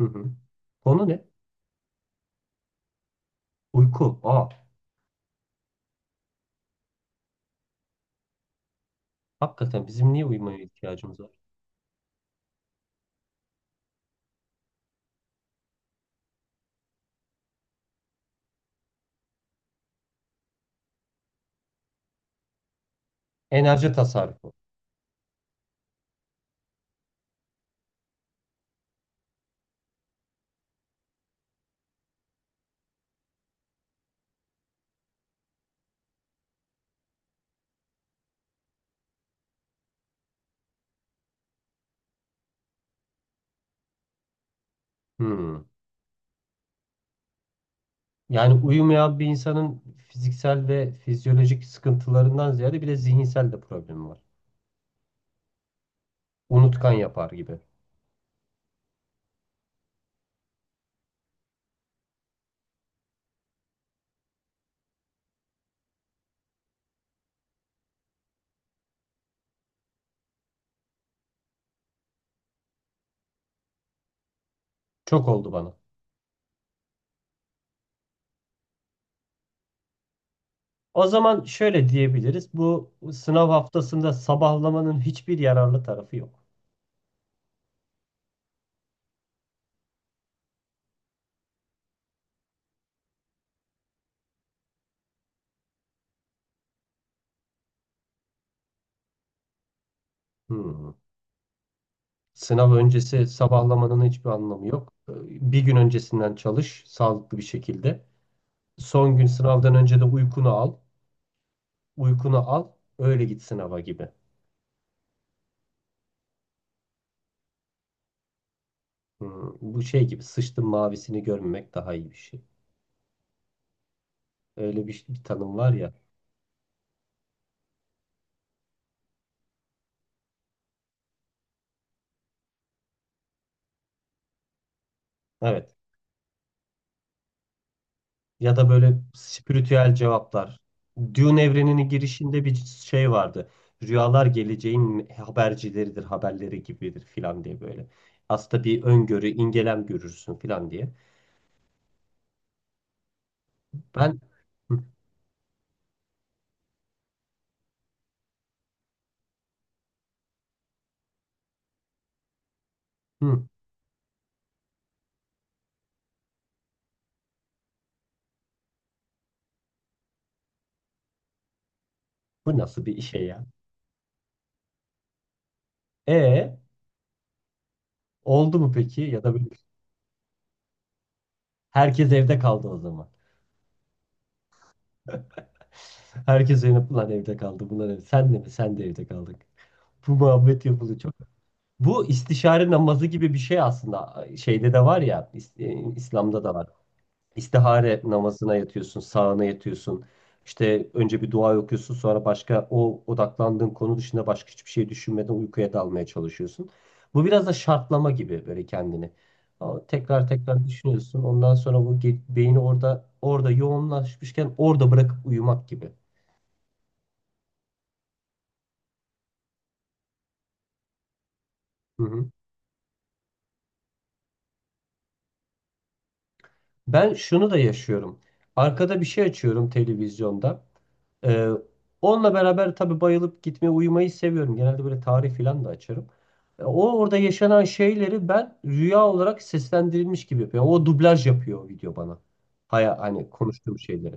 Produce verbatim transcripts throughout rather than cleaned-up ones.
Hı hı. Konu ne? Uyku. Aa, hakikaten bizim niye uyumaya ihtiyacımız var? Enerji tasarrufu. Hmm. Yani uyumayan bir insanın fiziksel ve fizyolojik sıkıntılarından ziyade bir de zihinsel de problemi var. Unutkan yapar gibi. Çok oldu bana. O zaman şöyle diyebiliriz: bu sınav haftasında sabahlamanın hiçbir yararlı tarafı yok. Hmm. Sınav öncesi sabahlamanın hiçbir anlamı yok. Ee, Bir gün öncesinden çalış sağlıklı bir şekilde. Son gün sınavdan önce de uykunu al. Uykunu al, öyle git sınava gibi. Hmm, bu şey gibi, sıçtın mavisini görmemek daha iyi bir şey. Öyle bir, bir tanım var ya. Evet. Ya da böyle spiritüel cevaplar. Dune evreninin girişinde bir şey vardı. Rüyalar geleceğin habercileridir, haberleri gibidir filan diye böyle. Aslında bir öngörü, ingelem görürsün filan diye. Ben hı, hı, bu nasıl bir şey ya? E, oldu mu peki? Ya da böyle herkes evde kaldı o zaman. Herkes evde, evde kaldı. Bunlar evde. Sen de mi? Sen de evde kaldık. Bu muhabbet yapılıyor çok. Bu istişare namazı gibi bir şey aslında. Şeyde de var ya, İs- e, İslam'da da var. İstihare namazına yatıyorsun, sağına yatıyorsun. İşte önce bir dua okuyorsun, sonra başka o odaklandığın konu dışında başka hiçbir şey düşünmeden uykuya dalmaya çalışıyorsun. Bu biraz da şartlama gibi böyle kendini. Ama tekrar tekrar düşünüyorsun. Ondan sonra bu ge- beyni orada orada yoğunlaşmışken orada bırakıp uyumak gibi. Hı hı. Ben şunu da yaşıyorum. Arkada bir şey açıyorum televizyonda. Ee, Onunla beraber tabii bayılıp gitmeyi, uyumayı seviyorum. Genelde böyle tarih falan da açarım. E, O orada yaşanan şeyleri ben rüya olarak seslendirilmiş gibi yapıyorum. O dublaj yapıyor o video bana. Haya, hani konuştuğum şeyleri.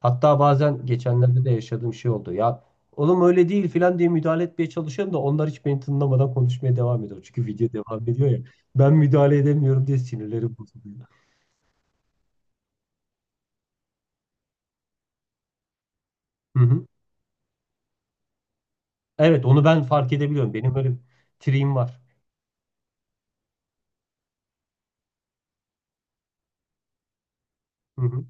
Hatta bazen geçenlerde de yaşadığım şey oldu. Ya oğlum öyle değil falan diye müdahale etmeye çalışıyorum da onlar hiç beni tınlamadan konuşmaya devam ediyor. Çünkü video devam ediyor ya. Ben müdahale edemiyorum diye sinirleri bozuluyor. Hı hı. Evet, onu ben fark edebiliyorum. Benim öyle bir triğim var. Hı hı.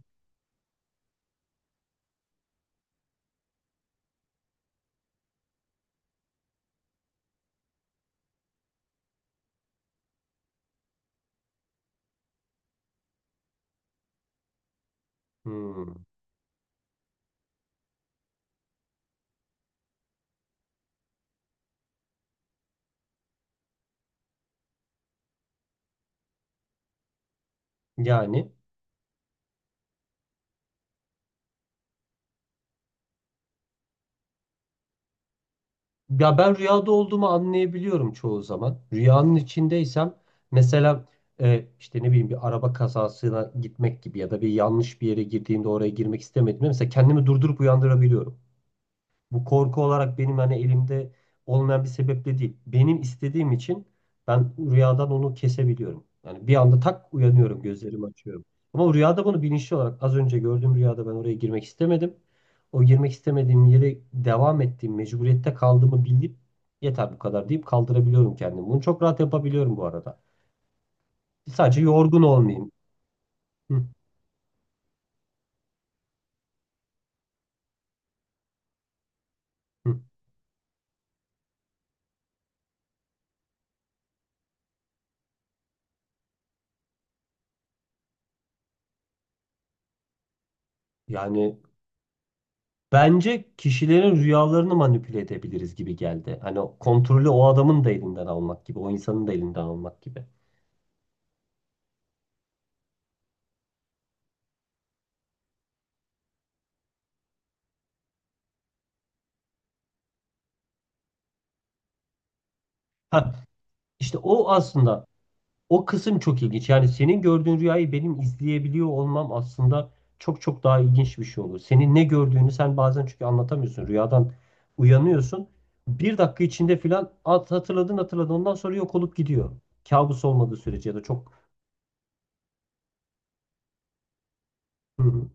Hmm. Yani ya ben rüyada olduğumu anlayabiliyorum çoğu zaman. Rüyanın içindeysem mesela, e, işte ne bileyim, bir araba kazasına gitmek gibi ya da bir yanlış bir yere girdiğimde, oraya girmek istemediğimde, mesela kendimi durdurup uyandırabiliyorum. Bu korku olarak benim hani elimde olmayan bir sebeple değil. Benim istediğim için ben rüyadan onu kesebiliyorum. Yani bir anda tak uyanıyorum, gözlerimi açıyorum. Ama rüyada bunu bilinçli olarak az önce gördüğüm rüyada ben oraya girmek istemedim. O girmek istemediğim yere devam ettiğim mecburiyette kaldığımı bilip yeter bu kadar deyip kaldırabiliyorum kendimi. Bunu çok rahat yapabiliyorum bu arada. Sadece yorgun olmayayım. Hı, hı. Yani bence kişilerin rüyalarını manipüle edebiliriz gibi geldi. Hani o kontrolü o adamın da elinden almak gibi, o insanın da elinden almak gibi. Ha, işte o aslında o kısım çok ilginç. Yani senin gördüğün rüyayı benim izleyebiliyor olmam aslında çok çok daha ilginç bir şey olur. Senin ne gördüğünü sen bazen çünkü anlatamıyorsun. Rüyadan uyanıyorsun. Bir dakika içinde filan at- hatırladın hatırladın, ondan sonra yok olup gidiyor. Kabus olmadığı sürece ya da çok... Hı hı.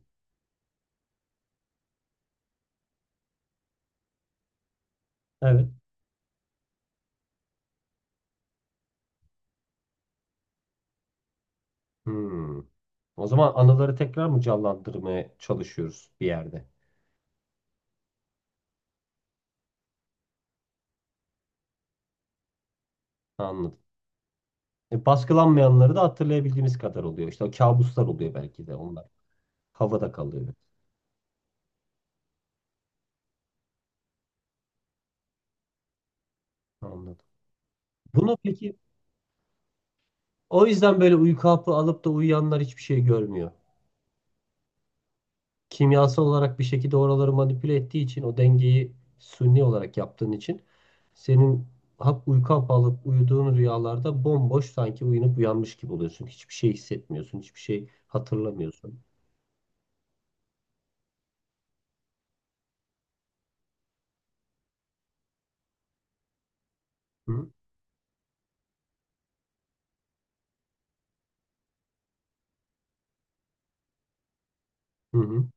Evet. Hmm. O zaman anıları tekrar mı canlandırmaya çalışıyoruz bir yerde? Anladım. E, baskılanmayanları da hatırlayabildiğimiz kadar oluyor. İşte o kabuslar oluyor belki de onlar. Havada kalıyor. Anladım. Bunu peki o yüzden böyle uyku hapı alıp da uyuyanlar hiçbir şey görmüyor. Kimyasal olarak bir şekilde oraları manipüle ettiği için o dengeyi suni olarak yaptığın için senin hap uyku hapı alıp uyuduğun rüyalarda bomboş, sanki uyanıp uyanmış gibi oluyorsun. Hiçbir şey hissetmiyorsun. Hiçbir şey hatırlamıyorsun. Hı? Hı hı.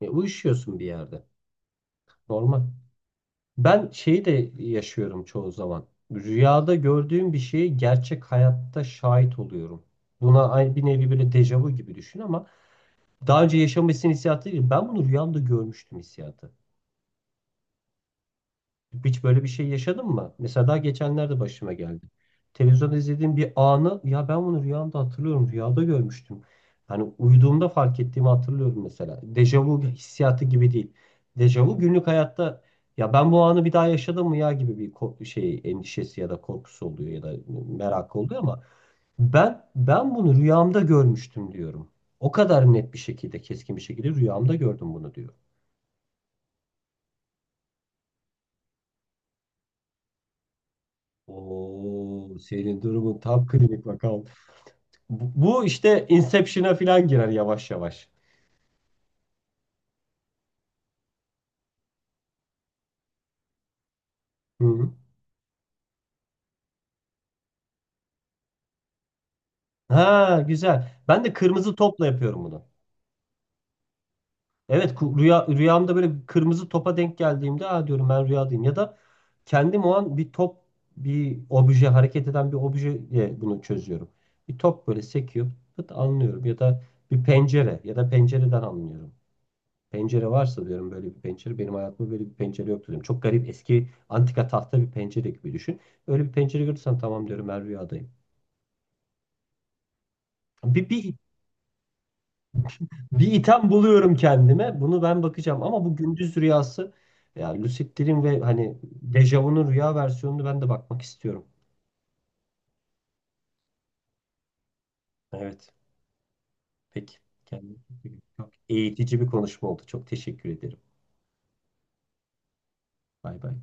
E, uyuşuyorsun bir yerde. Normal. Ben şeyi de yaşıyorum çoğu zaman. Rüyada gördüğüm bir şeyi gerçek hayatta şahit oluyorum. Buna aynı bir nevi böyle dejavu gibi düşün ama daha önce yaşamışsın hissiyatı değil. Ben bunu rüyamda görmüştüm hissiyatı. Hiç böyle bir şey yaşadın mı? Mesela daha geçenlerde başıma geldi. Televizyonda izlediğim bir anı ya ben bunu rüyamda hatırlıyorum. Rüyada görmüştüm. Hani uyuduğumda fark ettiğimi hatırlıyorum mesela. Dejavu hissiyatı gibi değil. Dejavu günlük hayatta, ya ben bu anı bir daha yaşadım mı ya gibi bir korku, şey, endişesi ya da korkusu oluyor ya da merak oluyor ama ben ben bunu rüyamda görmüştüm diyorum. O kadar net bir şekilde, keskin bir şekilde rüyamda gördüm bunu diyor. Oo, senin durumun tam klinik vaka. Bu bu işte Inception'a falan girer yavaş yavaş. Hı hı. Ha güzel. Ben de kırmızı topla yapıyorum bunu. Evet, ku- rüya, rüyamda böyle bir kırmızı topa denk geldiğimde ha diyorum ben rüyadayım. Ya da kendim o an bir top, bir obje, hareket eden bir objeyle bunu çözüyorum. Bir top böyle sekiyor, pıt anlıyorum ya da bir pencere ya da pencereden anlıyorum. Pencere varsa diyorum, böyle bir pencere, benim hayatımda böyle bir pencere yok diyorum. Çok garip eski antika tahta bir pencere gibi düşün. Öyle bir pencere görürsen tamam diyorum, ben rüyadayım. Bir, bir, bir item buluyorum kendime. Bunu ben bakacağım. Ama bu gündüz rüyası ya, lucid dream ve hani dejavu'nun rüya versiyonunu ben de bakmak istiyorum. Evet. Peki. Kendine çok iyi bak. Çok eğitici bir konuşma oldu. Çok teşekkür ederim. Bay bay.